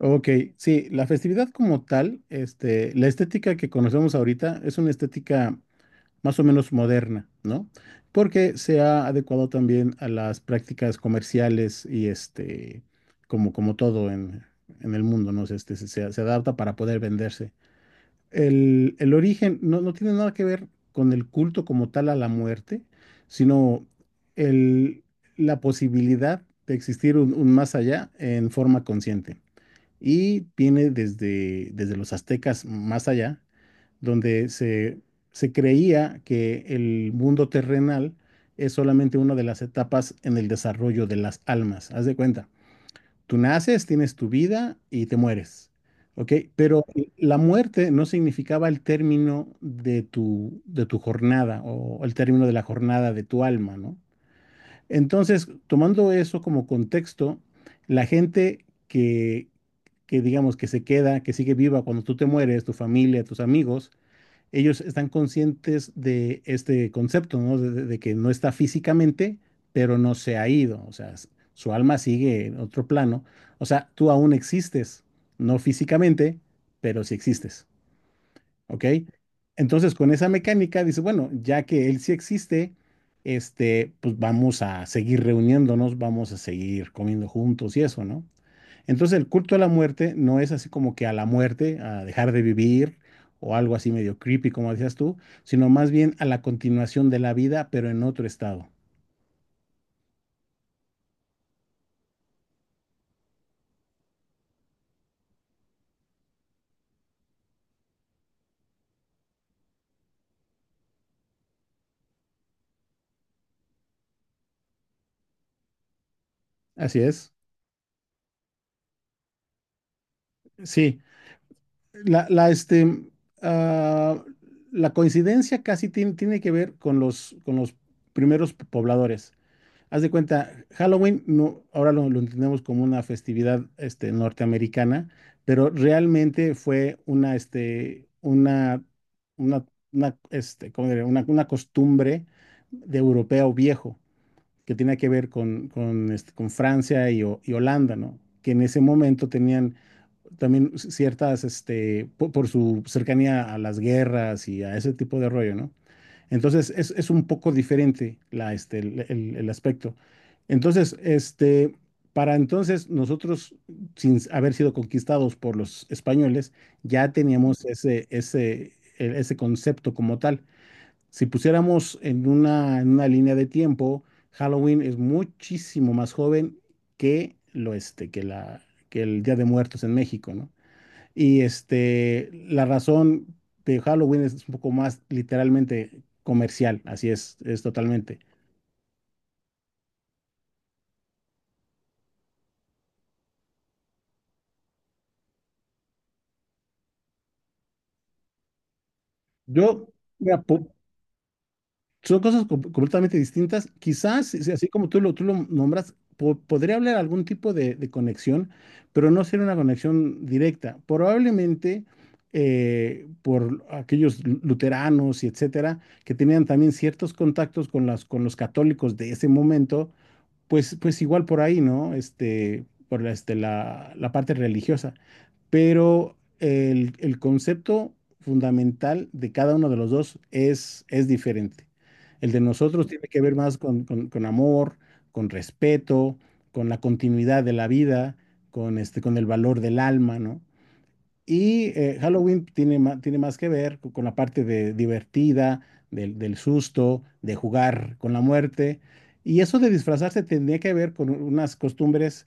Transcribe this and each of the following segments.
Ok, sí, la festividad como tal, la estética que conocemos ahorita es una estética más o menos moderna, ¿no? Porque se ha adecuado también a las prácticas comerciales y como todo en el mundo, ¿no? Se adapta para poder venderse. El origen no tiene nada que ver con el culto como tal a la muerte, sino el, la posibilidad de existir un más allá en forma consciente y viene desde los aztecas más allá, donde se creía que el mundo terrenal es solamente una de las etapas en el desarrollo de las almas. Haz de cuenta, tú naces, tienes tu vida y te mueres, ¿ok? Pero la muerte no significaba el término de tu jornada o el término de la jornada de tu alma, ¿no? Entonces, tomando eso como contexto, la gente que digamos que se queda, que sigue viva cuando tú te mueres, tu familia, tus amigos, ellos están conscientes de este concepto, ¿no? De que no está físicamente, pero no se ha ido, o sea, su alma sigue en otro plano, o sea, tú aún existes, no físicamente, pero sí existes. ¿Ok? Entonces, con esa mecánica, dice, bueno, ya que él sí existe, pues vamos a seguir reuniéndonos, vamos a seguir comiendo juntos y eso, ¿no? Entonces, el culto a la muerte no es así como que a la muerte, a dejar de vivir o algo así medio creepy, como decías tú, sino más bien a la continuación de la vida, pero en otro estado. Así es. Sí. La, la, este, ah, la coincidencia casi tiene que ver con con los primeros pobladores. Haz de cuenta, Halloween no, ahora lo entendemos como una festividad norteamericana, pero realmente fue una, este, una, una, una, este, ¿cómo diré? Una costumbre de europeo viejo que tenía que ver con Francia y Holanda, ¿no? Que en ese momento tenían también ciertas, por su cercanía a las guerras y a ese tipo de rollo, ¿no? Entonces es un poco diferente la, este, el aspecto. Entonces, para entonces nosotros, sin haber sido conquistados por los españoles, ya teníamos ese concepto como tal. Si pusiéramos en una línea de tiempo, Halloween es muchísimo más joven que lo este, que la, que el Día de Muertos en México, ¿no? Y la razón de Halloween es un poco más literalmente comercial, así es totalmente. Yo, mira, son cosas completamente distintas. Quizás, si así como tú lo nombras, podría haber algún tipo de conexión, pero no ser una conexión directa. Probablemente por aquellos luteranos y etcétera, que tenían también ciertos contactos con los católicos de ese momento pues igual por ahí, ¿no? Por la parte religiosa. Pero el concepto fundamental de cada uno de los dos es diferente. El de nosotros tiene que ver más con amor, con respeto, con la continuidad de la vida, con el valor del alma, ¿no? Y Halloween tiene más que ver con la parte de divertida, del susto, de jugar con la muerte. Y eso de disfrazarse tenía que ver con unas costumbres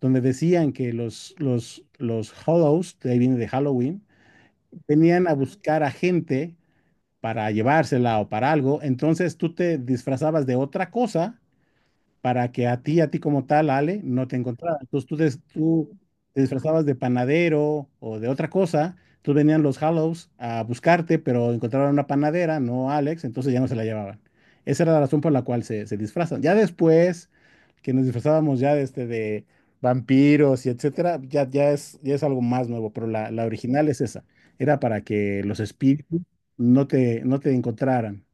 donde decían que los Hollows, de ahí viene de Halloween, venían a buscar a gente para llevársela o para algo. Entonces tú te disfrazabas de otra cosa para que a ti como tal, Ale, no te encontraran. Entonces tú te disfrazabas de panadero o de otra cosa. Tú venían los Hallows a buscarte, pero encontraron una panadera, no a Alex, entonces ya no se la llevaban. Esa era la razón por la cual se disfrazan. Ya después que nos disfrazábamos de vampiros y etcétera, ya es algo más nuevo, pero la original es esa. Era para que los espíritus no te encontraran.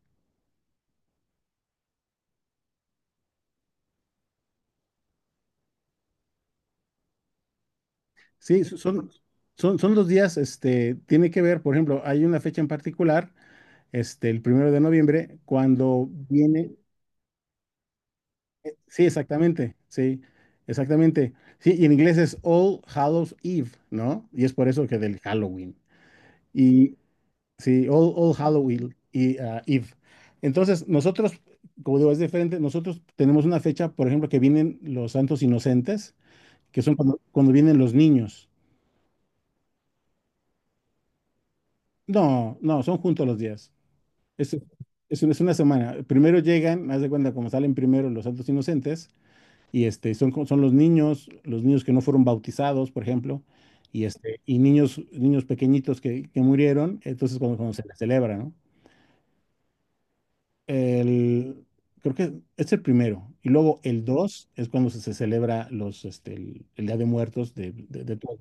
Sí, son los días, tiene que ver, por ejemplo, hay una fecha en particular, el 1 de noviembre, cuando viene, sí, exactamente, sí, exactamente, sí, y en inglés es All Hallows Eve, ¿no? Y es por eso que del Halloween, y sí, All Halloween y, Eve. Entonces, nosotros, como digo, es diferente, nosotros tenemos una fecha, por ejemplo, que vienen los santos inocentes, que son cuando vienen los niños. No, no, son juntos los días. Es, una es una semana. Primero llegan, haz de cuenta, como salen primero los santos inocentes, y son los niños que no fueron bautizados, por ejemplo, y, y niños pequeñitos que murieron, entonces cuando se les celebra, ¿no? El, Creo que es el 1, y luego el 2 es cuando se celebra el Día de Muertos de todo.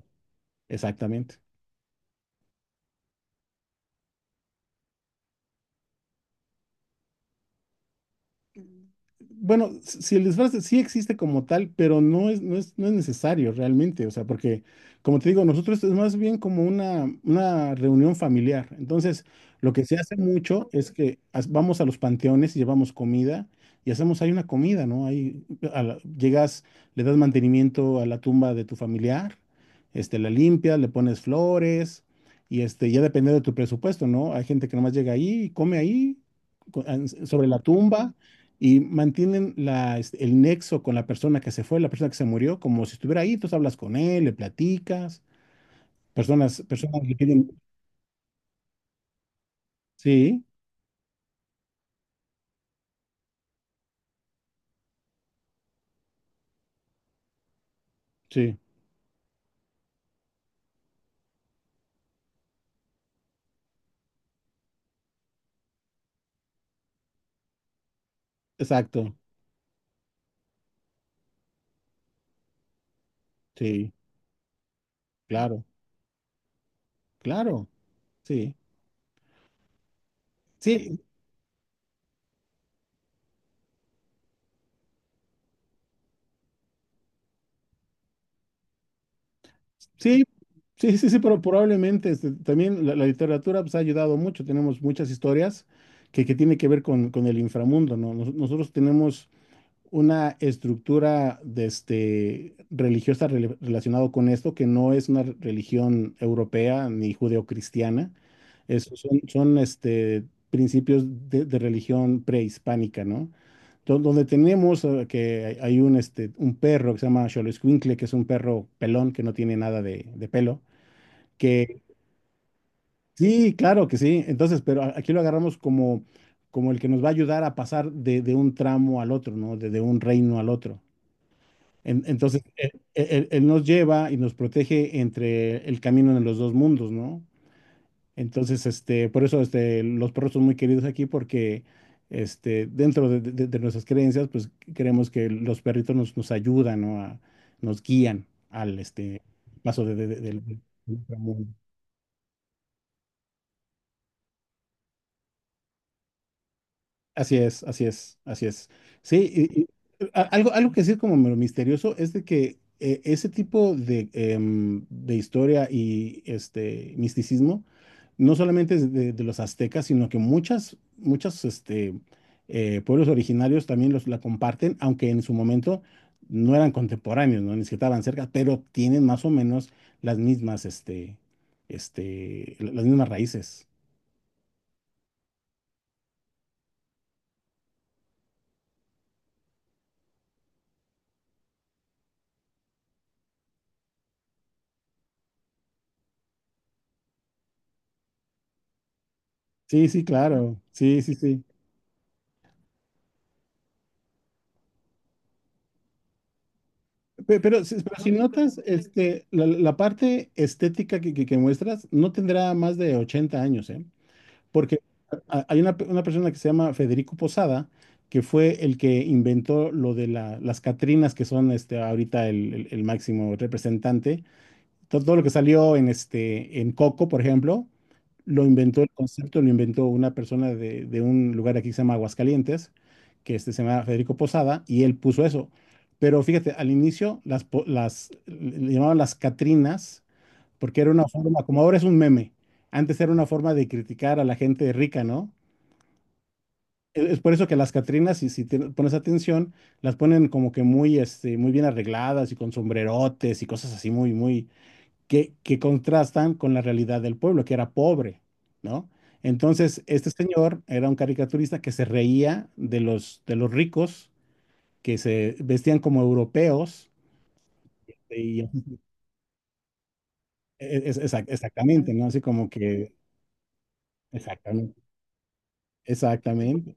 Exactamente. Bueno, si el disfraz sí existe como tal, pero no es necesario realmente, o sea, porque, como te digo, nosotros es más bien como una reunión familiar. Entonces, lo que se hace mucho es que vamos a los panteones y llevamos comida y hacemos ahí una comida, ¿no? Ahí llegas, le das mantenimiento a la tumba de tu familiar, la limpias, le pones flores y ya depende de tu presupuesto, ¿no? Hay gente que nomás llega ahí y come ahí sobre la tumba y mantienen el nexo con la persona que se fue, la persona que se murió, como si estuviera ahí, tú hablas con él, le platicas, personas le piden, sí, sí, exacto, sí, claro, claro, sí, sí, sí, sí, sí, sí, pero probablemente también la literatura pues, ha ayudado mucho, tenemos muchas historias que tienen que ver con el inframundo, ¿no? Nosotros tenemos una estructura de religiosa relacionado con esto, que no es una religión europea ni judeocristiana. Son principios de religión prehispánica, ¿no? Donde tenemos que hay un perro que se llama Xoloitzcuintle, que es un perro pelón que no tiene nada de pelo, que sí, claro que sí. Entonces, pero aquí lo agarramos como el que nos va a ayudar a pasar de un tramo al otro, ¿no? De un reino al otro. Entonces, él nos lleva y nos protege entre el camino de los dos mundos, ¿no? Entonces, por eso los perros son muy queridos aquí porque dentro de nuestras creencias, pues creemos que los perritos nos ayudan, ¿no? Nos guían al paso del inframundo. Así es, así es, así es. Sí, algo que sí es como medio misterioso es de que ese tipo de historia y este misticismo no solamente es de los aztecas, sino que muchas pueblos originarios también la comparten, aunque en su momento no eran contemporáneos, ¿no? Ni siquiera estaban cerca, pero tienen más o menos las mismas, este, las mismas raíces. Sí, sí, claro. Sí, sí, sí. Pe- pero si No, notas, la parte estética que muestras no tendrá más de 80 años, ¿eh? Porque hay una persona que se llama Federico Posada, que fue el que inventó lo de las Catrinas, que son ahorita el máximo representante, lo que salió en Coco, por ejemplo, lo inventó el concepto, lo inventó una persona de un lugar aquí que se llama Aguascalientes, que se llama Federico Posada, y él puso eso. Pero fíjate, al inicio las le llamaban las Catrinas, porque era una forma, como ahora es un meme, antes era una forma de criticar a la gente rica, ¿no? Es por eso que las Catrinas, si te pones atención, las ponen como que muy bien arregladas y con sombrerotes y cosas así muy, muy, que contrastan con la realidad del pueblo, que era pobre, ¿no? Entonces, este señor era un caricaturista que se reía de los ricos, que se vestían como europeos, y exactamente, ¿no? Así como que, exactamente, exactamente.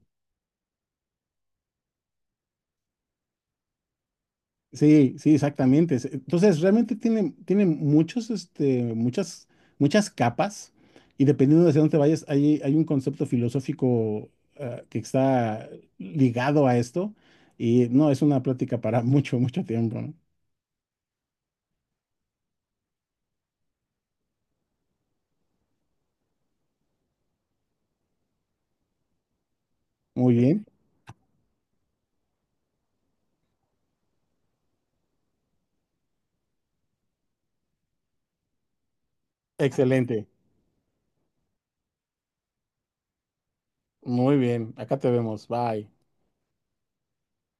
Sí, sí, exactamente. Entonces, realmente tiene muchas capas y dependiendo de hacia dónde te vayas, hay un concepto filosófico que está ligado a esto y no, es una plática para mucho, mucho tiempo, ¿no? Muy bien. Excelente. Muy bien. Acá te vemos. Bye.